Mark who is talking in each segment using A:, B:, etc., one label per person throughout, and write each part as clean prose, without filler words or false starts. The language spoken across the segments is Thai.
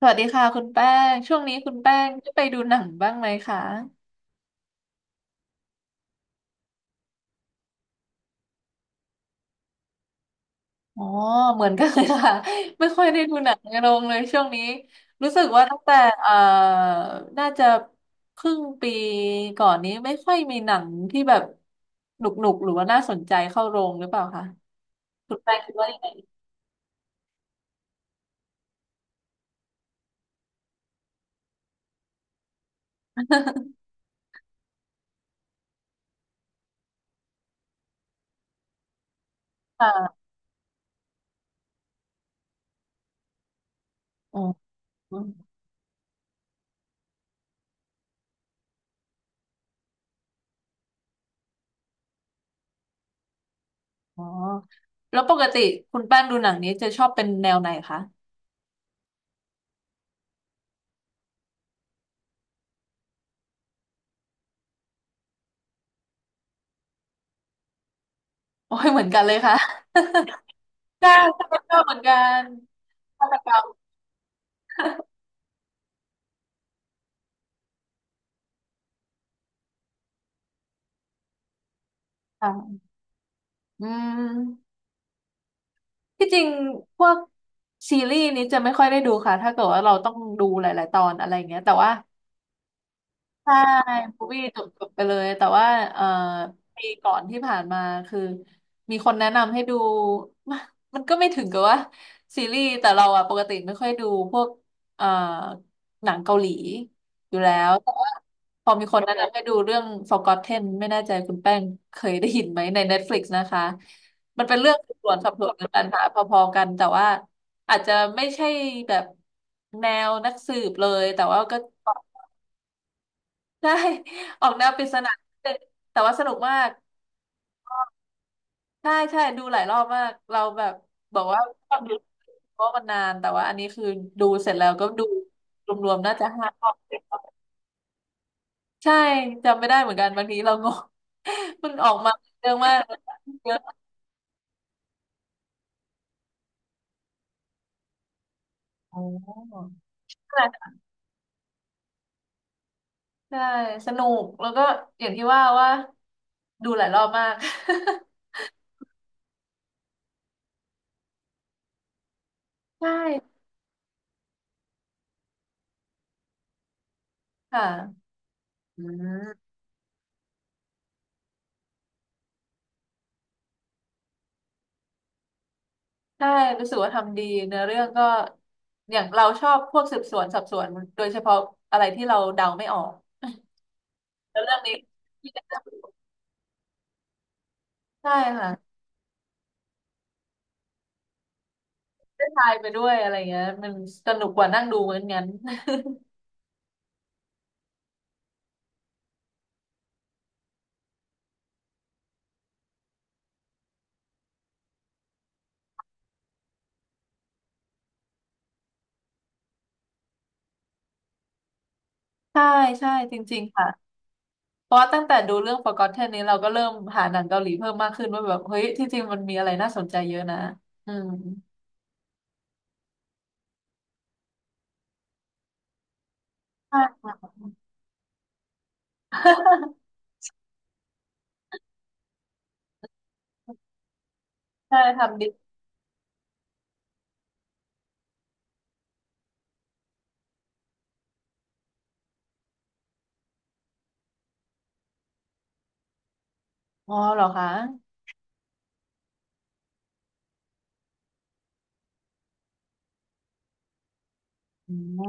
A: สวัสดีค่ะคุณแป้งช่วงนี้คุณแป้งได้ไปดูหนังบ้างไหมคะอ๋อเหมือนกันเลยค่ะ ไม่ค่อยได้ดูหนังในโรงเลยช่วงนี้รู้สึกว่าตั้งแต่เอ่อน่าจะครึ่งปีก่อนนี้ไม่ค่อยมีหนังที่แบบหนุกหนุกหรือว่าน่าสนใจเข้าโรงหรือเปล่าคะคุณแป้งคิดว่ายังไง ค่ะอ๋ออ๋อแล้วปกติคุณแป้งดูหนังนี้จะชอบเป็นแนวไหนคะโอ้ยเหมือนกันเลยค่ะ ใช่ใช่ชอบเหมือนกัน ฆาตกรรมค่ะอืมที่จริงพวกซีรีส์นี้จะไม่ค่อยได้ดูค่ะ ถ้าเกิดว่าเราต้องดูหลายๆตอนอะไรอย่างเงี้ยแต่ว่า ใช่พูวีจบจบไปเลยแต่ว่าเอ่อปีก่อนที่ผ่านมาคือมีคนแนะนำให้ดู มันมันก็ไม่ถึงกับว่าซีรีส์แต่เราอะปกติไม่ค่อยดูพวกเอ่อหนังเกาหลีอยู่แล้วแต่ว่าพอมีคนแนะนำให้ดูเรื่อง Forgotten ไม่แน่ใจคุณแป้งเคยได้ยินไหมใน Netflix นะคะมันเป็นเรื่องสืบสวนสอบสวนกันปัญหาพอๆกันแต่ว่าอาจจะไม่ใช่แบบแนวนักสืบเลยแต่ว่าก็ ใช่ ออกแนวปริศนานิดนึงแต่ว่าสนุกมากใช่ใช่ดูหลายรอบมากเราแบบบอกว่าชอบดูเพราะมันนานแต่ว่าอันนี้คือดูเสร็จแล้วก็ดูรวมๆน่าจะห้ารอบใช่จำไม่ได้เหมือนกันบางทีเรางง มันออกมาเยอะมากเยอะโอ๋ใช่สนุกแล้วก็อย่างที่ว่าว่าดูหลายรอบมาก ใช่ค่ะอืม ใช่รู้สึกว่าทำดีเนื้อเรื่องก็อย่างเราชอบพวกสืบสวนสอบสวนโดยเฉพาะอะไรที่เราเดาไม่ออกแล้วเรื่องนี้ที่ได้ใช่ค่ะได้ทายไปด้วยอะไรเงี้ยมันสนุกกว่านั่งดูเหมือนงั้นใช่ใช่จริงๆค่ะเพราะว่าตั้งแต่ดูเรื่อง Forgotten นี้เราก็เริ่มหาหนังเกาหลีเพิ่มมากขึ้นว่าแบบเฮ้ยที่จริงมันมีอะไรน่าสนใจเยอะนะอืมใช่ค่ะ ใช่ทำดีอ๋อเหรอคะอ๋อ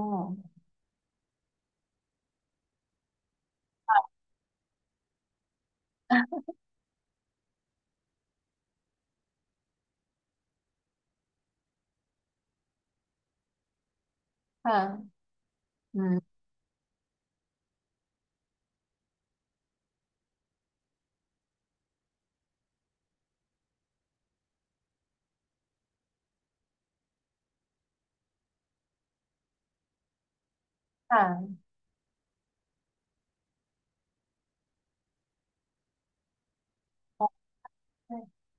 A: ค่ะอืมค่ะ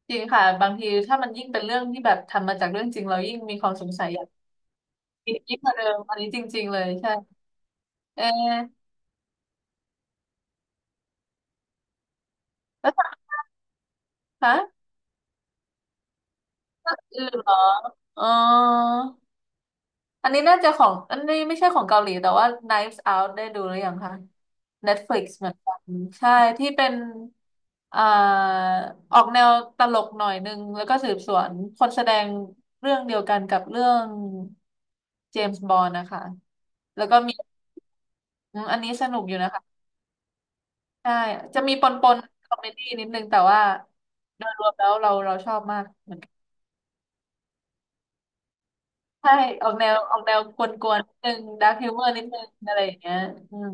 A: จริงค่ะบางทีถ้ามันยิ่งเป็นเรื่องที่แบบทำมาจากเรื่องจริงเรายิ่งมีความสงสัยอยากยิ่ยิ่งกว่าเดิมอันนี้จริงๆเลยใช่เออแล้วคะเร่ะอื่นเหรออ๋ออันนี้น่าจะของอันนี้ไม่ใช่ของเกาหลีแต่ว่า Knives Out ได้ดูหรือยังคะ Netflix เหมือนกันใช่ที่เป็นอ่าออกแนวตลกหน่อยนึงแล้วก็สืบสวนคนแสดงเรื่องเดียวกันกับเรื่องเจมส์บอนด์นะคะแล้วก็มีอมอันนี้สนุกอยู่นะคะ ใช่จะมีปนปนคอมเมดี้นิดนึงแต่ว่าโดยรวมแล้วเราเราชอบมากเหมือนกันใช่ออกแนวออกแนวกวนๆนิดนึงดาร์คฮิวเมอร์นิดนึงอะไรอย่างเงี้ยอืม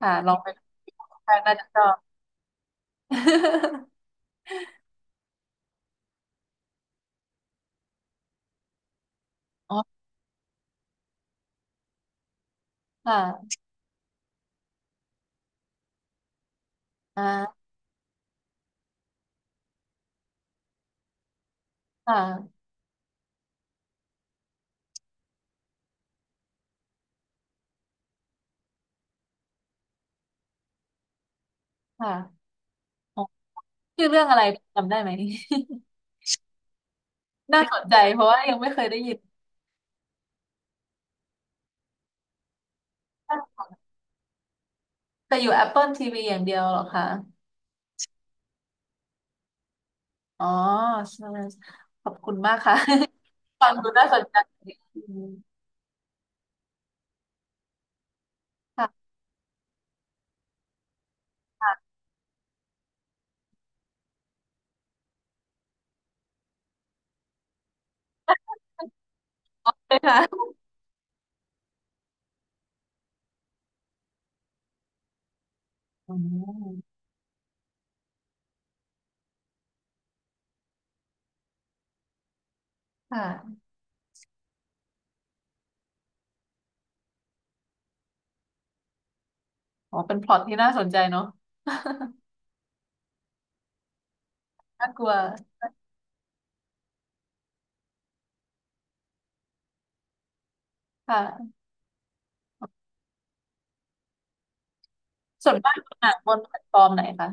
A: ค่ะลองไปดูใครน่าจะชอบ อ๋อ ค่ะอ่าค่ะค่ะอ๋อชื่อเรื่องอะไรจำได้ไหม น่าสนใจเพราะว่ายังไม่เคยได้ยินแต่อยู่ Apple TV อย่างเดียวเหรอคะอ๋อใช่ขอบคุณมากค่ะ ฟังดูน่าสนใจอืมค่ะค่ะใช่ค่ะ อ๋อค่ะอ๋อเป็นพล็อตที่น่าสนใจเนาะ น่ากลัวค่ะส่วนมากดูหนังบนแพลตฟอร์มไหนคะ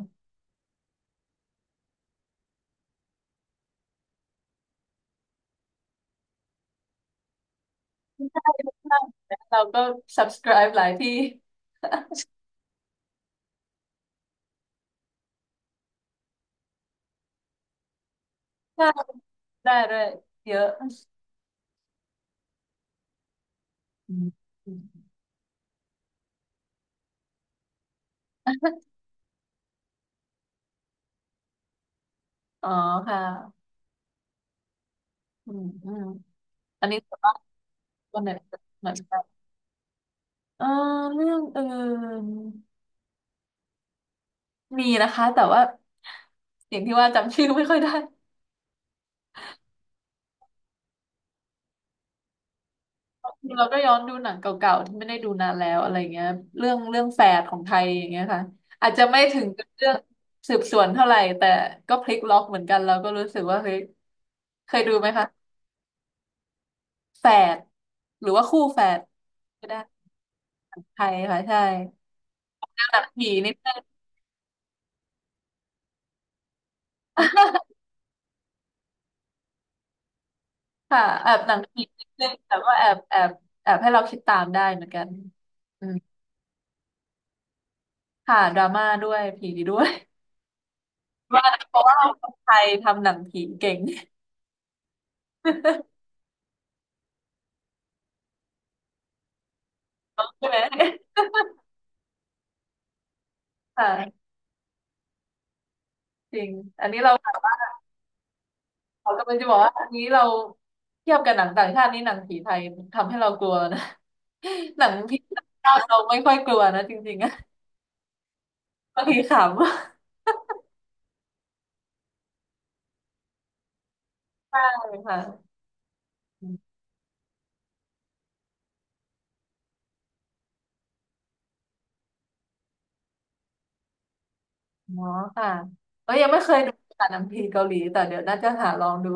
A: ได้ได้เราก็ subscribe หลายที่ได้ได้ด้วยเยอะอืมอ๋อค่ะอืมอืมอันนี้ส่วนมากบนไหนเหมือนกันเออเรื่องอื่นมีนะคะแต่ว่าอย่างที่ว่าจำชื่อไม่ค่อยได้ เราก็ย้อนดูหนังเก่าๆที่ไม่ได้ดูนานแล้วอะไรเงี้ยเรื่องเรื่องแฝดของไทยอย่างเงี้ยค่ะอาจจะไม่ถึงกับเรื่องสืบสวนเท่าไหร่แต่ก็พลิกล็อกเหมือนกันเราก็รู้สึกว่าเฮ้ยเคยดูไหมคะแฝดหรือว่าคู่แฝดก็ได้ไทยค่ะใช่หนังผีนิดนึง ค่ะแอบหนังผีนิดนึงแต่ว่าแอบแอบแอบให้เราคิดตามได้เหมือนกันอืมค่ะดราม่าด้วยผีด้วย ว่าเพราะว่าคนไทยทำหนังผีเก่ง ใช่ไหมค่ะ จริงอันนี้เราเขากำลังจะบอกว่าอันนี้เราเทียบกับหนังต่างชาตินี่หนังผีไทยทำให้เรากลัวนะ หนังผีต่างชาติเราไม่ค่อยกลัวนะจริงๆอะบางทีขำใช่ค่ะเนาะค่ะเอ้ยยังไม่เคยดูค่ะหนังผีเกาหลีแต่เดี๋ยวน่าจะหาลองดู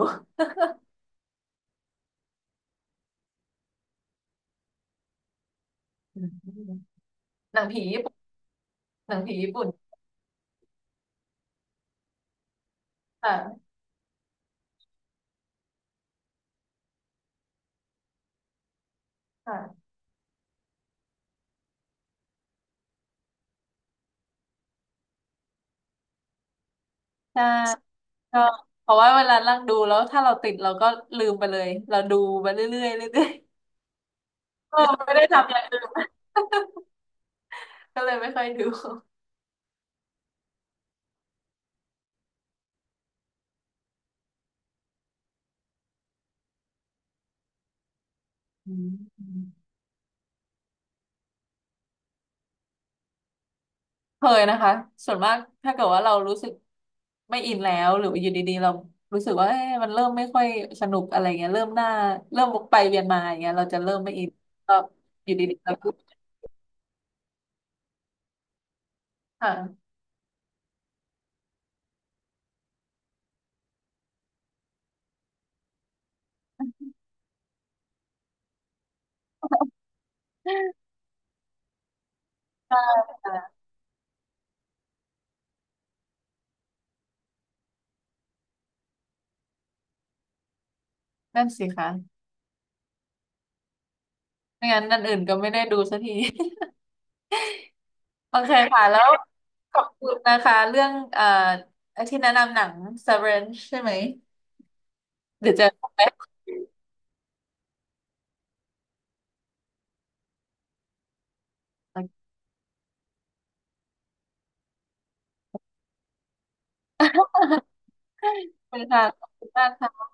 A: อืมหนังผีญี่ปุ่นหนังผีญี่ปุ่นค่ะค่ะใช่ก็เพราะว่าเวลานั่งดูแล้วถ้าเราติดเราก็ลืมไปเลยเราดูไปเรื่อยๆเรื่อยๆเออไม่ได้ทำอย่างอื่น ก็เลยไม่ค่อยดู อืมเคยนะคะส่วนมากถ้าเกิดว่าเรารู้สึกไม่อินแล้วหรืออยู่ดีๆเรารู้สึกว่าเอ๊ะมันเริ่มไม่ค่อยสนุกอะไรเงี้ยเริ่มหน้าเริ่มวกไปเวียนมาอย่างเงี้ยเราจะเริ่มไม่อินก็อยู่ดีๆเราก็ค่ะใช่ค่ะนั่นสิคะไม่งั้นนันอื่นก็ไม่ได้ดูสักที โอเคค่ะแล้วขอบคุณนะคะเรื่องที่แนะนำหนัง Severance ใช่ไหมเดี๋ยวเจะไปข อบคุณค่ะขอบคุณมาก